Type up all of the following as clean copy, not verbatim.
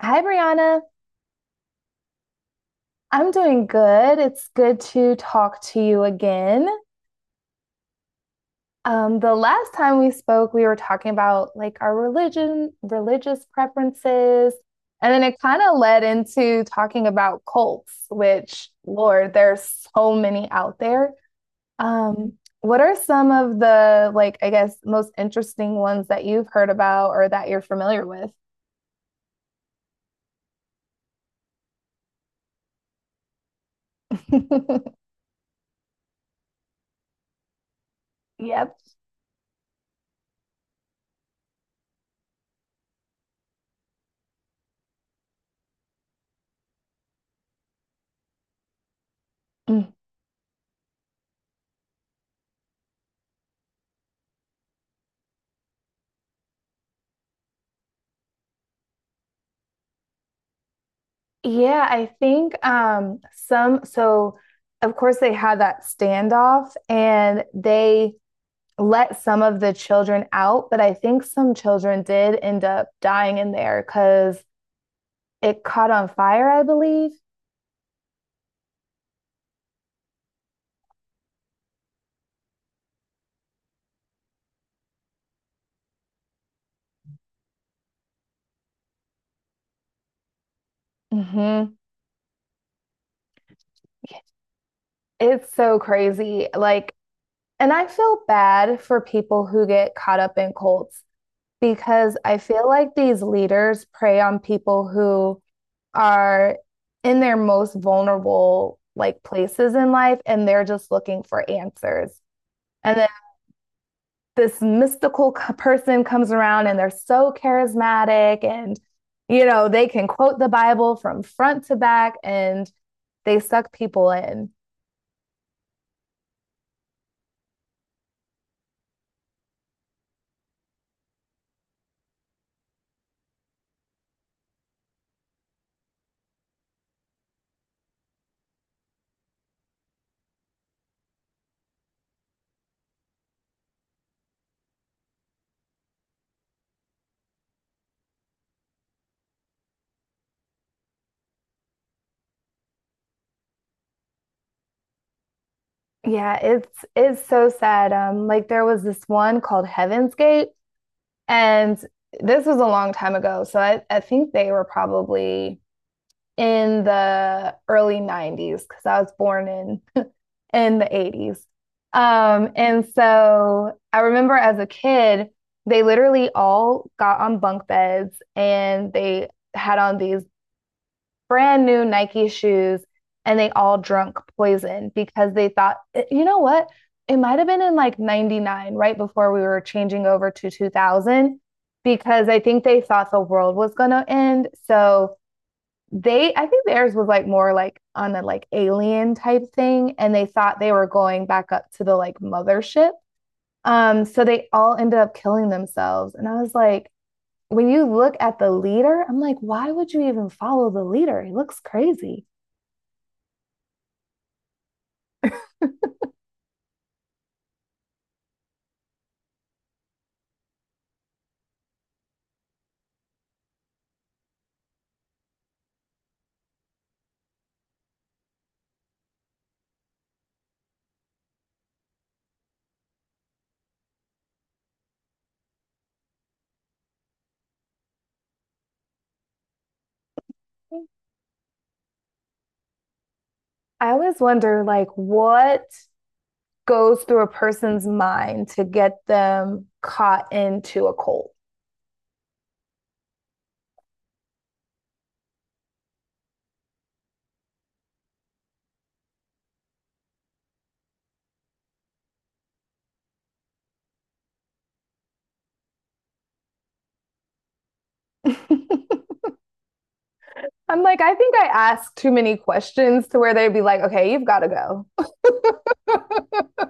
Hi, Brianna. I'm doing good. It's good to talk to you again. The last time we spoke, we were talking about like our religion, religious preferences, and then it kind of led into talking about cults, which, Lord, there's so many out there. Um, what are some of the like, I guess, most interesting ones that you've heard about or that you're familiar with? Yep. Yeah, I think some so of course they had that standoff and they let some of the children out, but I think some children did end up dying in there because it caught on fire, I believe. Hmm. It's so crazy. Like, and I feel bad for people who get caught up in cults because I feel like these leaders prey on people who are in their most vulnerable like places in life and they're just looking for answers. And then this mystical person comes around and they're so charismatic and you know, they can quote the Bible from front to back and they suck people in. Yeah, it's so sad. Like there was this one called Heaven's Gate and this was a long time ago. So I think they were probably in the early 90s because I was born in in the 80s. And so I remember as a kid, they literally all got on bunk beds and they had on these brand new Nike shoes and they all drunk poison because they thought, "Eh, you know what? It might have been in like 99, right before we were changing over to 2000, because I think they thought the world was going to end. So they I think theirs was like more like on a like alien type thing, and they thought they were going back up to the like mothership. So they all ended up killing themselves. And I was like, when you look at the leader, I'm like, why would you even follow the leader? He looks crazy. I always wonder like what goes through a person's mind to get them caught into a cult? I'm like, I think I ask too many questions to where they'd be like, okay, you've got to go.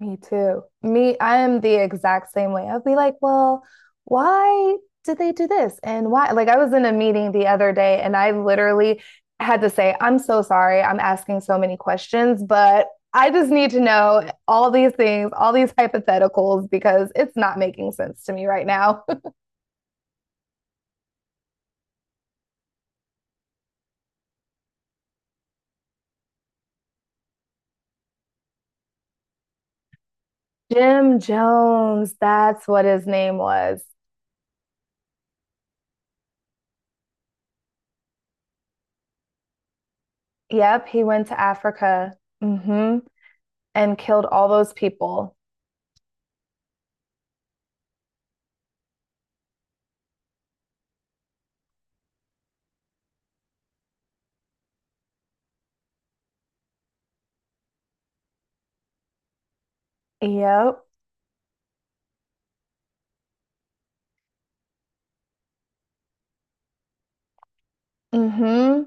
Me too. Me, I am the exact same way. I'll be like, well, why did they do this? And why? Like, I was in a meeting the other day and I literally had to say, I'm so sorry. I'm asking so many questions, but I just need to know all these things, all these hypotheticals, because it's not making sense to me right now. Jim Jones, that's what his name was. Yep, he went to Africa. Mm hmm And killed all those people. Yep. mm hmm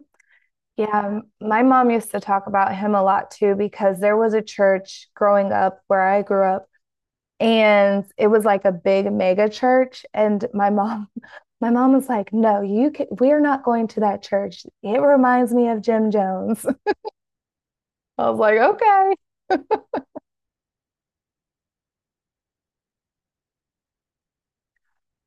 Yeah, my mom used to talk about him a lot too because there was a church growing up where I grew up and it was like a big mega church and my mom my mom was like, "No, you can, we're not going to that church. It reminds me of Jim Jones." I was like, "Okay."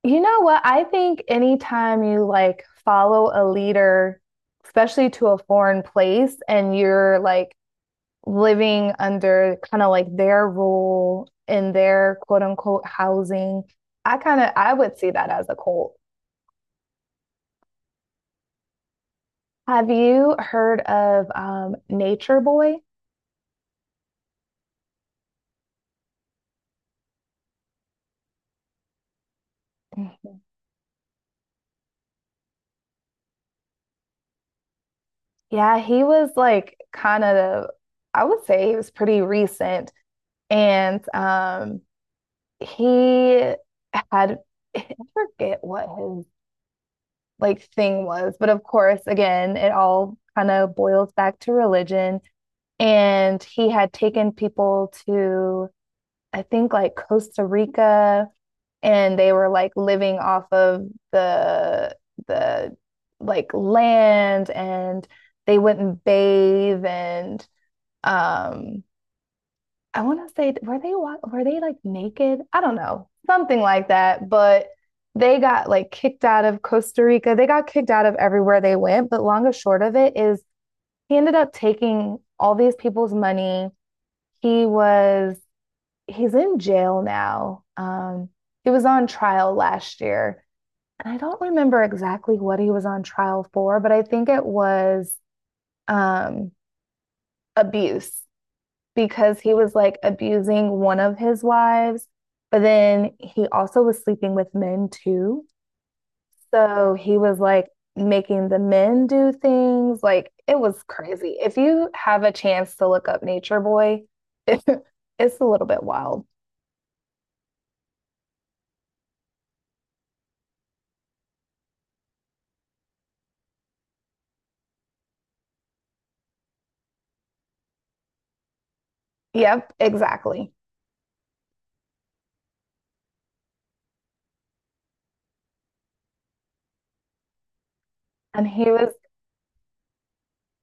You know what? I think anytime you like follow a leader, especially to a foreign place and you're like living under kind of like their rule in their quote unquote housing. I kind of I would see that as a cult. Have you heard of Nature Boy? Mm-hmm. Yeah, he was like kind of I would say he was pretty recent, and he had I forget what his like thing was, but of course, again, it all kind of boils back to religion. And he had taken people to, I think, like Costa Rica, and they were like living off of the the like land, and they wouldn't bathe, and um, I want to say, were they like naked? I don't know, something like that, but. They got like kicked out of Costa Rica. They got kicked out of everywhere they went. But long and short of it is, he ended up taking all these people's money he was he's in jail now. He was on trial last year, and I don't remember exactly what he was on trial for, but I think it was um abuse because he was like abusing one of his wives, but then he also was sleeping with men too. So he was like making the men do things. Like it was crazy. If you have a chance to look up Nature Boy, it's a little bit wild. Yep, exactly. And he was,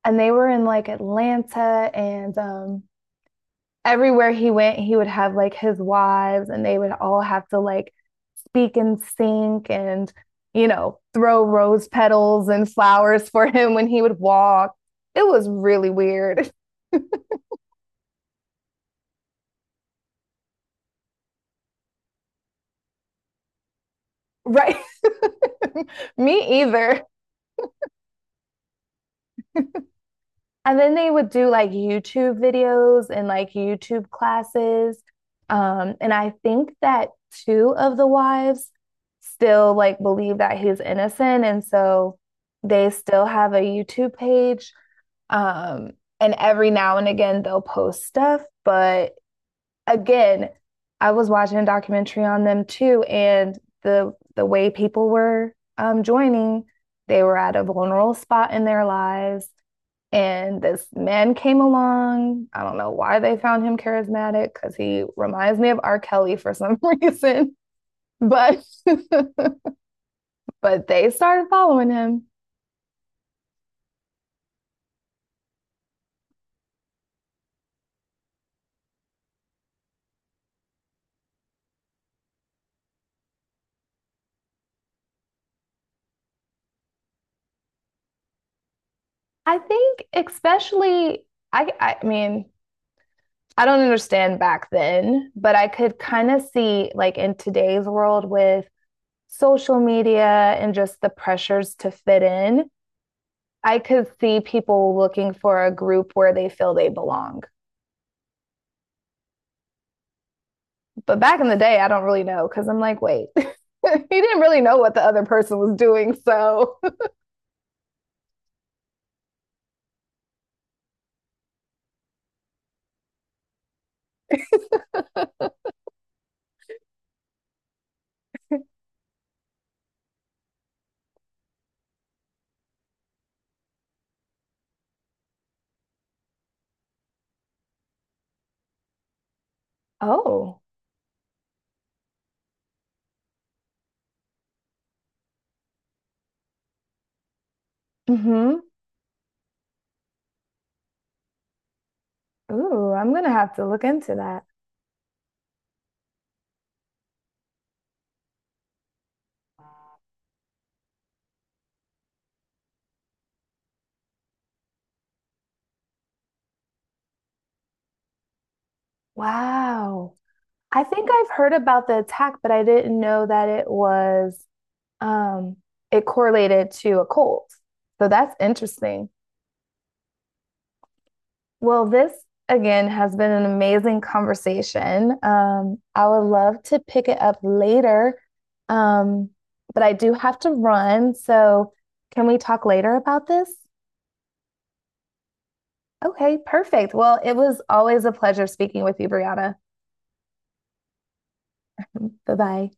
and they were in like Atlanta and everywhere he went, he would have like his wives and they would all have to like speak in sync and, you know, throw rose petals and flowers for him when he would walk. It was really weird. Right. Me either. And then they would do like YouTube videos and like YouTube classes. And I think that two of the wives still like believe that he's innocent. And so they still have a YouTube page. Um, and every now and again they'll post stuff. But again, I was watching a documentary on them too, and the way people were joining, they were at a vulnerable spot in their lives and this man came along. I don't know why they found him charismatic because he reminds me of R. Kelly for some reason. But but they started following him. I think especially I mean, I don't understand back then, but I could kind of see like in today's world with social media and just the pressures to fit in, I could see people looking for a group where they feel they belong. But back in the day, I don't really know because I'm like, wait, he didn't really know what the other person was doing. So, oh, hmm. Ooh, I'm gonna have to look into that. Wow. I think I've heard about the attack, but I didn't know that it was um it correlated to a cult. So that's interesting. Well, this again has been an amazing conversation. I would love to pick it up later, um, but I do have to run. So, can we talk later about this? Okay, perfect. Well, it was always a pleasure speaking with you, Brianna. Bye bye.